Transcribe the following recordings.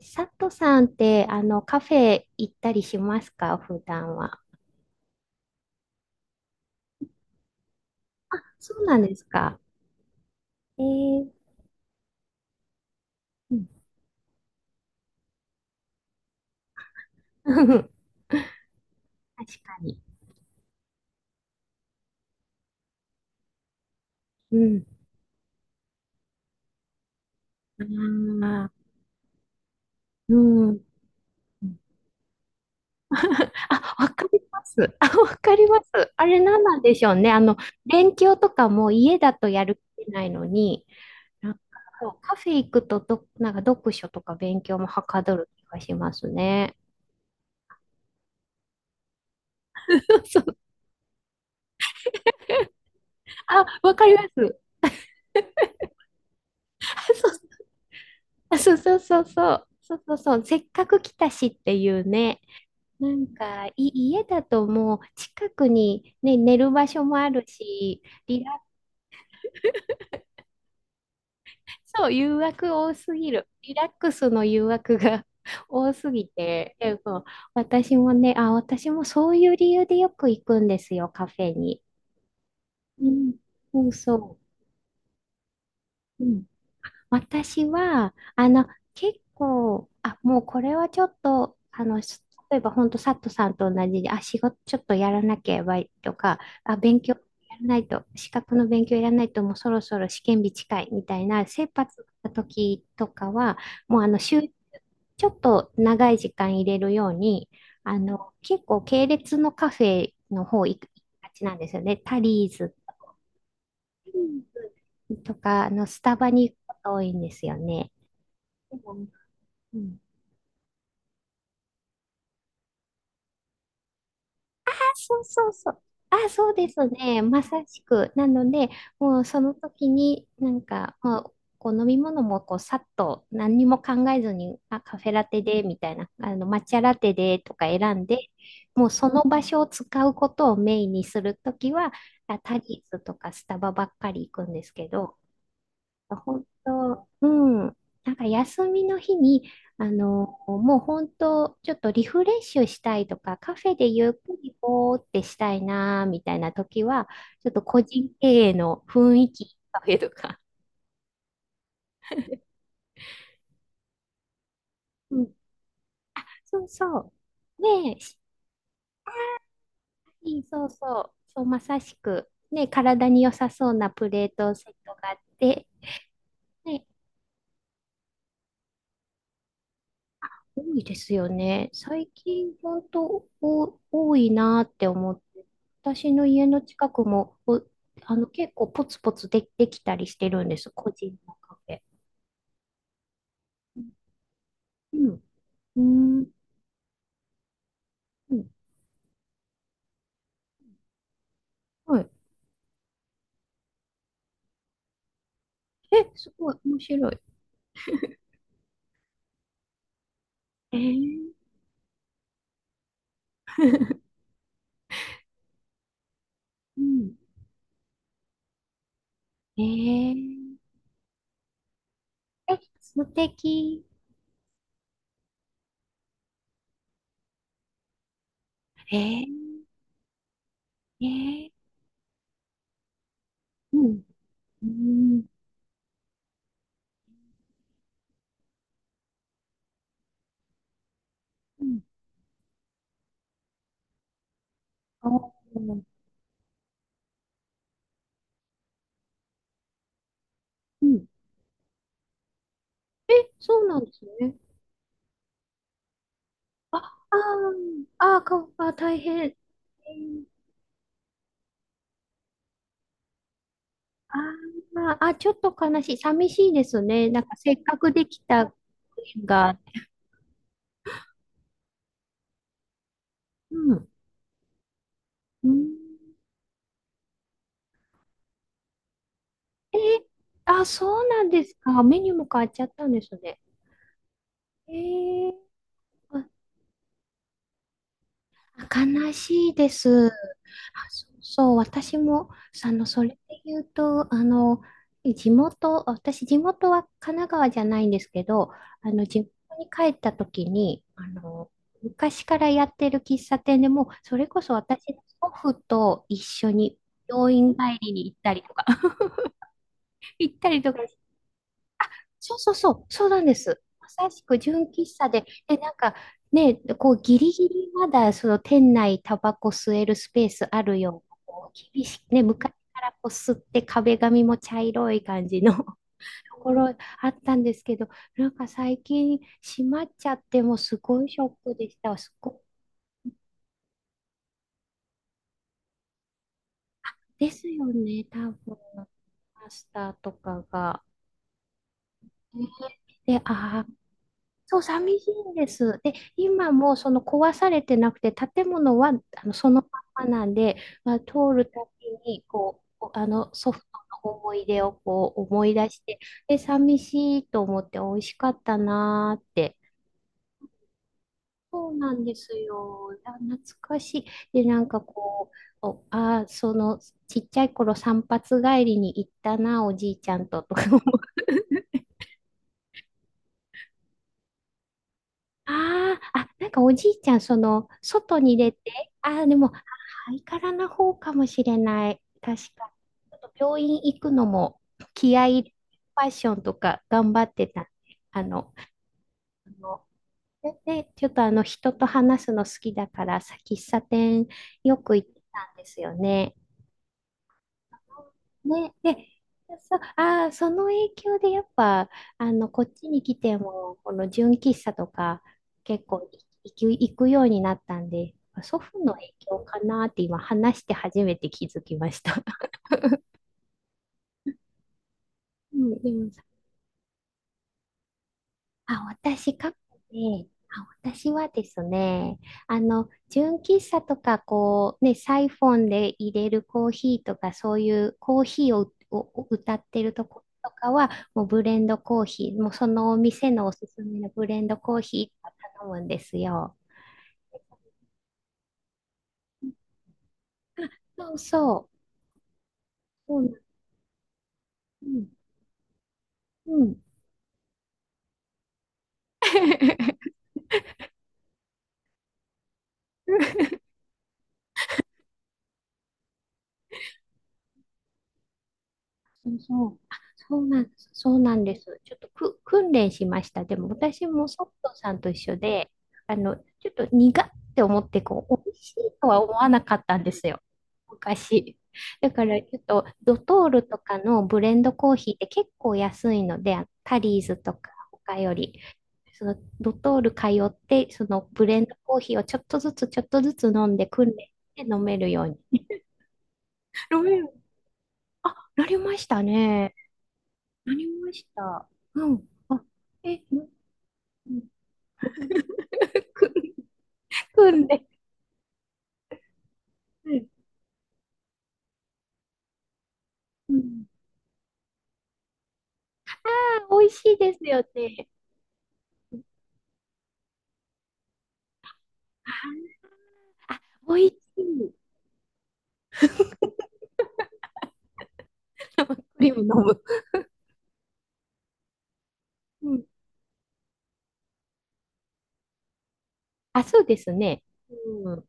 佐藤さんって、カフェ行ったりしますか普段は。そうなんですか。えー、うん。確かに。うん。ああ、うん。あ、わかります。あ、わかります。あれ何なんでしょうね。勉強とかも家だとやる気ないのに、なんかこうカフェ行くとなんか読書とか勉強もはかどる気がしますね。そう。あ、わかります。あ、そうあ、そうそうそうそう。そうそうそう。せっかく来たしっていうね。なんか、家だともう近くにね、寝る場所もあるし、そう、誘惑多すぎる。リラックスの誘惑が 多すぎて、でも私もね、私もそういう理由でよく行くんですよ、カフェに。うん、そうそう。うん。私は、結構、もうこれはちょっと、例えば本当、サットさんと同じで、仕事ちょっとやらなければいいとか、勉強やらないと、資格の勉強やらないと、もうそろそろ試験日近いみたいな、切羽詰まった時とかは、もうちょっと長い時間入れるように、結構系列のカフェの方行きがちなんですよね。タリーズとか、スタバに行くこと多いんですよね。うん、あ、そうそうそう。あ、そうですね。まさしく。なので、もうその時に、なんか、まあ、こう飲み物もこうさっと何にも考えずに、あ、カフェラテで、みたいな、抹茶ラテでとか選んで、もうその場所を使うことをメインにするときは、タリーズとかスタバばっかり行くんですけど、本当、うん。なんか休みの日に、もう本当、ちょっとリフレッシュしたいとか、カフェでゆっくりぼーってしたいな、みたいな時は、ちょっと個人経営の雰囲気カフェとか。うん。そうそう。ねえ、そうそう。そう、まさしく。ねえ、体に良さそうなプレートセットがあって、ね、多いですよね。最近、本当多いなって思って、私の家の近くも、結構ポツポツで、できたりしてるんです、個人のカフェ。うん。うん。うん。はい。え、すごい、面白い。えー、うん。えー、え、素敵。えー、えー、うん。うん。うん。あー、うん。え、そうなんですね。あ、あーあー、あー、大変。えーあーあー、ちょっと悲しい。寂しいですね。なんかせっかくできた縁が。うん。うん、えーそうなんですか。メニューも変わっちゃったんですね。えー、あ、あ、悲しいです。あ、そうそう、私も、それで言うと、私、地元は神奈川じゃないんですけど、地元に帰った時に、昔からやってる喫茶店でもう、それこそ私の祖父と一緒に病院帰りに行ったりとか、行ったりとか、そうそうそう、そうなんです。まさしく純喫茶で、なんかね、こうギリギリまだその店内タバコ吸えるスペースあるような、こう厳しくね、昔からこう吸って壁紙も茶色い感じの ところあったんですけど、なんか最近閉まっちゃってもうすごいショックでした。ですよね、多分マスターとかが。で、そう、寂しいんです。で、今もその壊されてなくて、建物はそのままなんで、まあ、通るたびにこう祖父の思い出をこう思い出して、で、寂しいと思って美味しかったなーって。そうなんですよ。いや懐かしい。で、なんかこう、お、あー、そのちっちゃい頃散髪帰りに行ったな、おじいちゃんととか思ああ、あ、なんかおじいちゃん、外に出て、でも、ハイカラな方かもしれない。確かに。ちょっと病院行くのも、気合い入れて、ファッションとか頑張ってたんで。あの、あのでちょっと、人と話すの好きだから、喫茶店よく行ってたんですよね。ね、で、そ、あー、その影響でやっぱ、こっちに来ても、この純喫茶とか、結構い行く、行くようになったんで、祖父の影響かなって今話して初めて気づきました。うん、でもあ、私、過去私はですね、純喫茶とか、こう、ね、サイフォンで入れるコーヒーとか、そういうコーヒーを歌ってるとことかは、もうブレンドコーヒー、もうそのお店のおすすめのブレンドコーヒーとか頼むんですよ。そうそう。そうん、うん、そうそう。あ、そうなんです。ちょっと訓練しました。でも私もソフトさんと一緒で、ちょっと苦って思って、こう、美味しいとは思わなかったんですよ。昔。だから、ちょっと、ドトールとかのブレンドコーヒーって結構安いので、タリーズとか他より、そのドトール通って、そのブレンドコーヒーをちょっとずつちょっとずつ飲んで訓練して飲めるように。飲める。あ、なりましたね。なりました。うん。あ、え、うん。うん。く、くんで。うん。うん。あ、美味しいですよね。あ、あ、美味しい。クリーム飲む。うん。あ、そうですね。うん。あ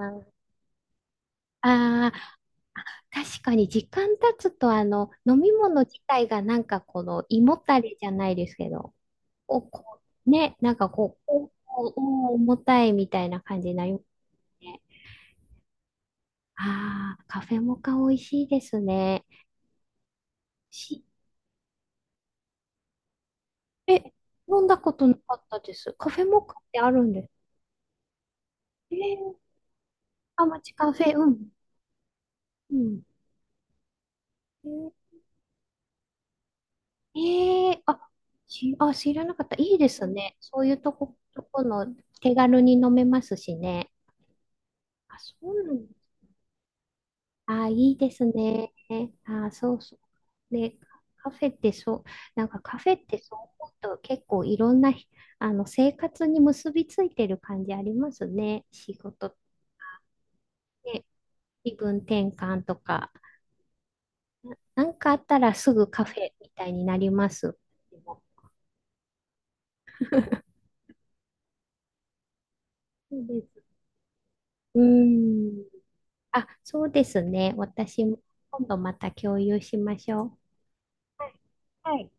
ーあー、確かに時間経つと、飲み物自体がなんかこの胃もたれじゃないですけど、こう、こなんかこう、おおお重たいみたいな感じになりますね。ああ、カフェモカ美味しいですね。え、飲んだことなかったです。カフェモカってあるんです。えー、あ、街カフェ、うん。うん。えー、あ、知らなかった。いいですね。そういうとこの手軽に飲めますしね。あ、そうなんだ。あ、いいですね。あ、そうそう。で、カフェってそう、なんかカフェってそう思うと結構いろんなひ、生活に結びついてる感じありますね。仕事って、気分転換とか。なんかあったらすぐカフェみたいになります。でもそうです。うーん。あ、そうですね。私も今度また共有しましょう。はい。はい